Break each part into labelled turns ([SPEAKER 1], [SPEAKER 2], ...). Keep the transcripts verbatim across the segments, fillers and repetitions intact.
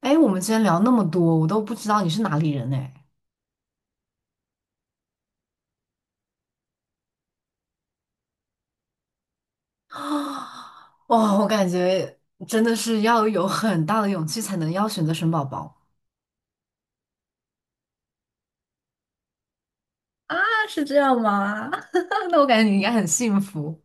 [SPEAKER 1] 哎，我们今天聊那么多，我都不知道你是哪里人哎。啊，哇，我感觉真的是要有很大的勇气才能要选择生宝宝。啊，是这样吗？那我感觉你应该很幸福。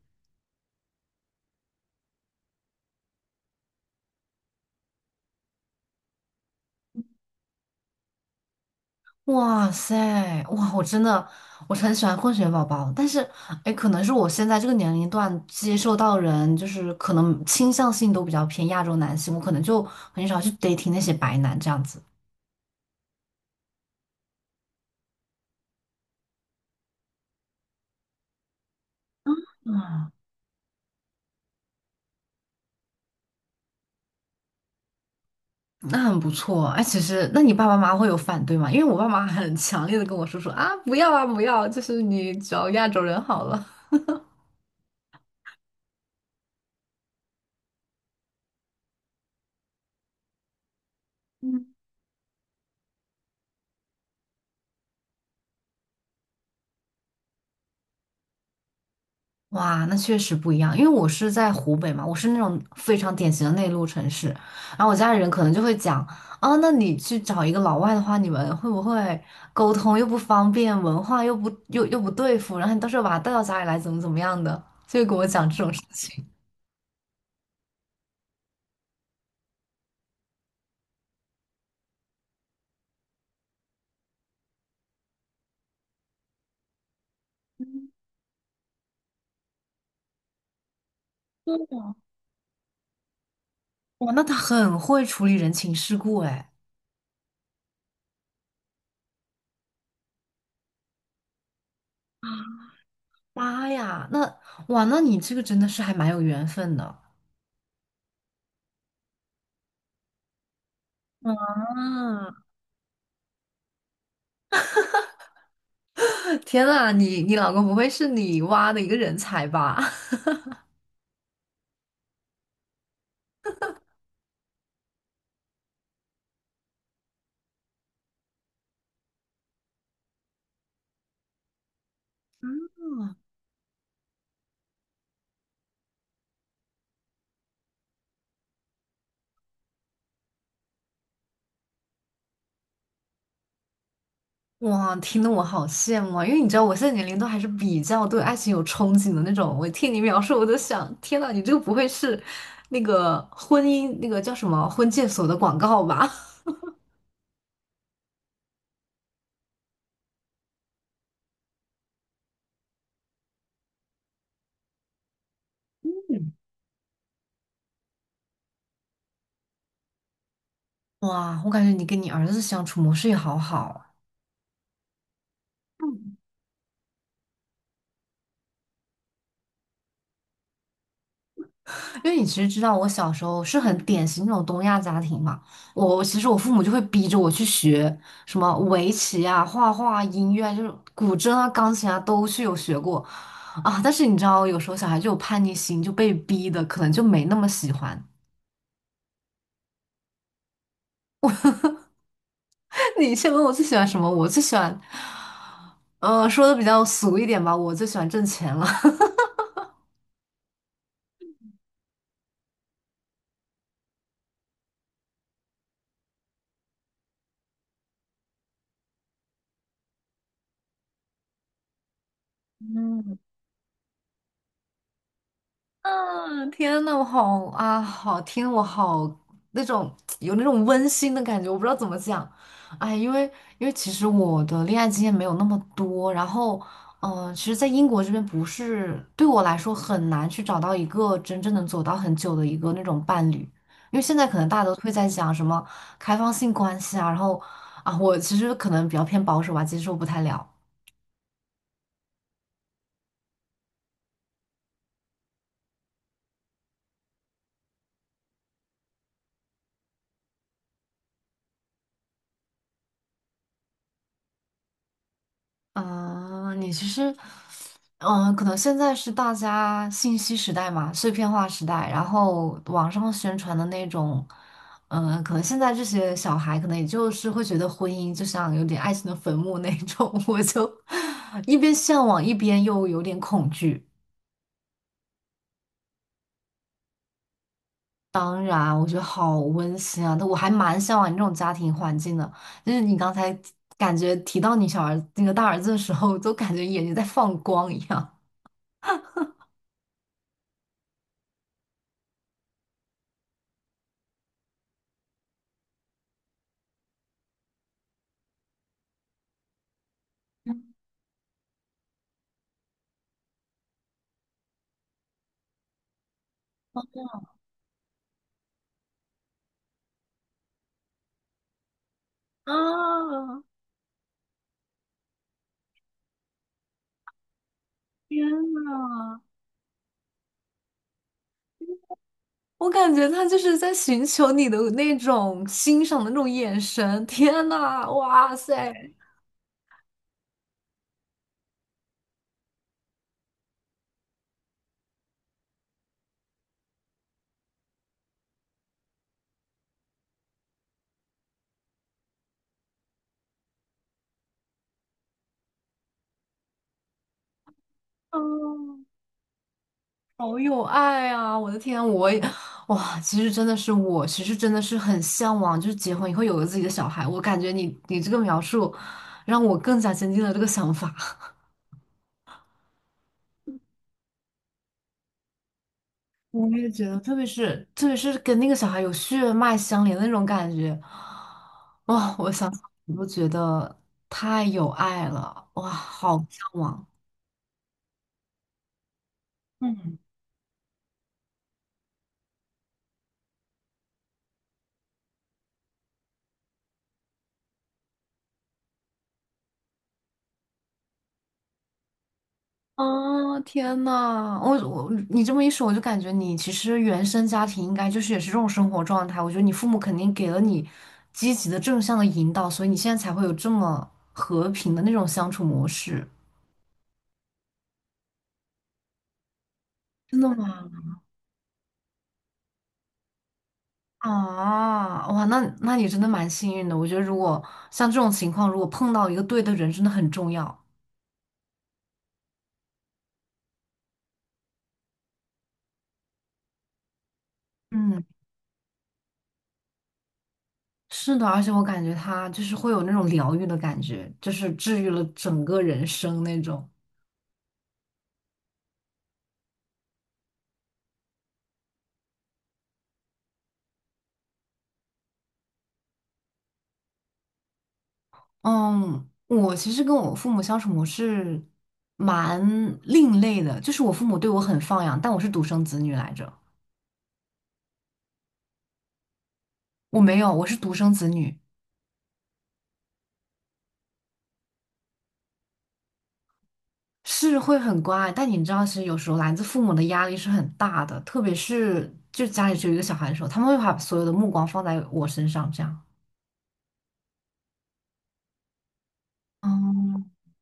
[SPEAKER 1] 哇塞，哇，我真的我很喜欢混血宝宝，但是哎，可能是我现在这个年龄段接受到人就是可能倾向性都比较偏亚洲男性，我可能就很少去 dating 那些白男这样子。嗯。那很不错啊。哎，其实，那你爸爸妈妈会有反对吗？因为我爸妈很强烈的跟我说说啊，不要啊，不要，就是你找亚洲人好了。嗯，哇，那确实不一样，因为我是在湖北嘛，我是那种非常典型的内陆城市，然后我家里人可能就会讲，啊，那你去找一个老外的话，你们会不会沟通又不方便，文化又不又又不对付，然后你到时候把他带到家里来，怎么怎么样的，就会跟我讲这种事情。哇，那他很会处理人情世故，哎。妈呀，那哇，那你这个真的是还蛮有缘分的。啊！天呐，你你老公不会是你挖的一个人才吧？哇，听得我好羡慕啊！因为你知道我现在年龄都还是比较对爱情有憧憬的那种。我听你描述，我都想，天呐，你这个不会是那个婚姻那个叫什么婚介所的广告吧？哇，我感觉你跟你儿子相处模式也好好。因为你其实知道，我小时候是很典型那种东亚家庭嘛。我其实我父母就会逼着我去学什么围棋啊、画画啊、音乐啊，就是古筝啊、钢琴啊，都是有学过啊。但是你知道，有时候小孩就有叛逆心，就被逼的，可能就没那么喜欢。你先问我最喜欢什么，我最喜欢，呃，说的比较俗一点吧，我最喜欢挣钱了。嗯，天呐，我好啊，好听，我好那种有那种温馨的感觉，我不知道怎么讲，哎，因为因为其实我的恋爱经验没有那么多，然后嗯、呃其实，在英国这边不是对我来说很难去找到一个真正能走到很久的一个那种伴侣，因为现在可能大家都会在讲什么开放性关系啊，然后啊，我其实可能比较偏保守吧，接受不太了。啊，你其实，嗯，可能现在是大家信息时代嘛，碎片化时代，然后网上宣传的那种，嗯，可能现在这些小孩可能也就是会觉得婚姻就像有点爱情的坟墓那种，我就一边向往，一边又有点恐惧。当然，我觉得好温馨啊，但我还蛮向往你这种家庭环境的。就是你刚才感觉提到你小儿那个大儿子的时候，都感觉眼睛在放光一样。啊，我感觉他就是在寻求你的那种欣赏的那种眼神。天呐，哇塞，好有爱啊！我的天啊，我也哇，其实真的是我，其实真的是很向往，就是结婚以后有了自己的小孩。我感觉你你这个描述，让我更加坚定了这个想法。我也觉得，特别是特别是跟那个小孩有血脉相连的那种感觉，哇！我想想，我都觉得太有爱了，哇，好向往。嗯。啊，天呐，我我你这么一说，我就感觉你其实原生家庭应该就是也是这种生活状态。我觉得你父母肯定给了你积极的正向的引导，所以你现在才会有这么和平的那种相处模式。真的吗？啊，哇，那那你真的蛮幸运的。我觉得如果像这种情况，如果碰到一个对的人，真的很重要。嗯，是的，而且我感觉他就是会有那种疗愈的感觉，就是治愈了整个人生那种。嗯，我其实跟我父母相处模式蛮另类的，就是我父母对我很放养，但我是独生子女来着，我没有，我是独生子女，是会很乖，但你知道，其实有时候来自父母的压力是很大的，特别是就家里只有一个小孩的时候，他们会把所有的目光放在我身上，这样。哦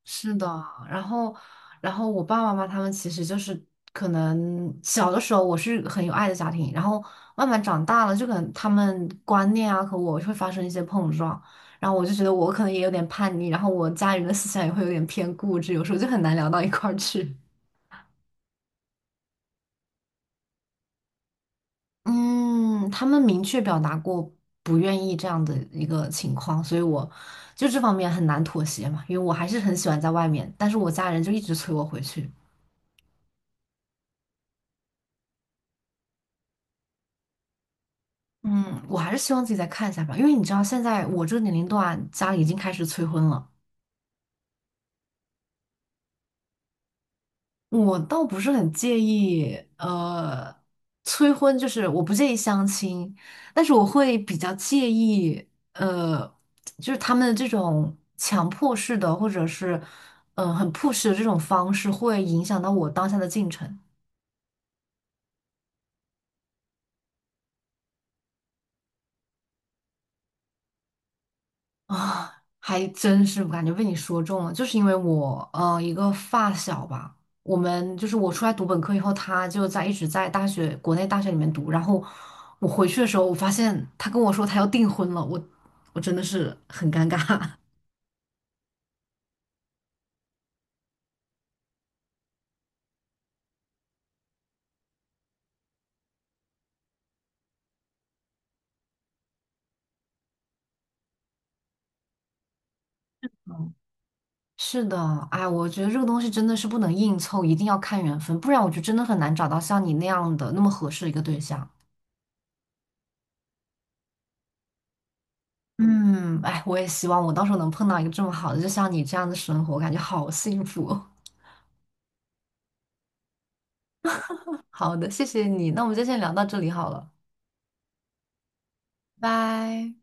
[SPEAKER 1] 是的，然后，然后我爸爸妈妈他们其实就是可能小的时候我是很有爱的家庭，然后慢慢长大了，就可能他们观念啊和我会发生一些碰撞，然后我就觉得我可能也有点叛逆，然后我家人的思想也会有点偏固执，有时候就很难聊到一块儿去。嗯，他们明确表达过不愿意这样的一个情况，所以我就这方面很难妥协嘛，因为我还是很喜欢在外面，但是我家人就一直催我回去。嗯，我还是希望自己再看一下吧，因为你知道现在我这个年龄段家里已经开始催婚了，我倒不是很介意，呃，催婚就是我不介意相亲，但是我会比较介意，呃，就是他们这种强迫式的或者是，嗯、很 push 的这种方式会影响到我当下的进程。啊，还真是，我感觉被你说中了，就是因为我呃一个发小吧，我们就是我出来读本科以后，他就在一直在大学国内大学里面读，然后我回去的时候，我发现他跟我说他要订婚了，我我真的是很尴尬。是的，哎，我觉得这个东西真的是不能硬凑，一定要看缘分，不然我就真的很难找到像你那样的那么合适的一个对象。嗯，哎，我也希望我到时候能碰到一个这么好的，就像你这样的生活，感觉好幸福。好的，谢谢你，那我们就先聊到这里好了，拜。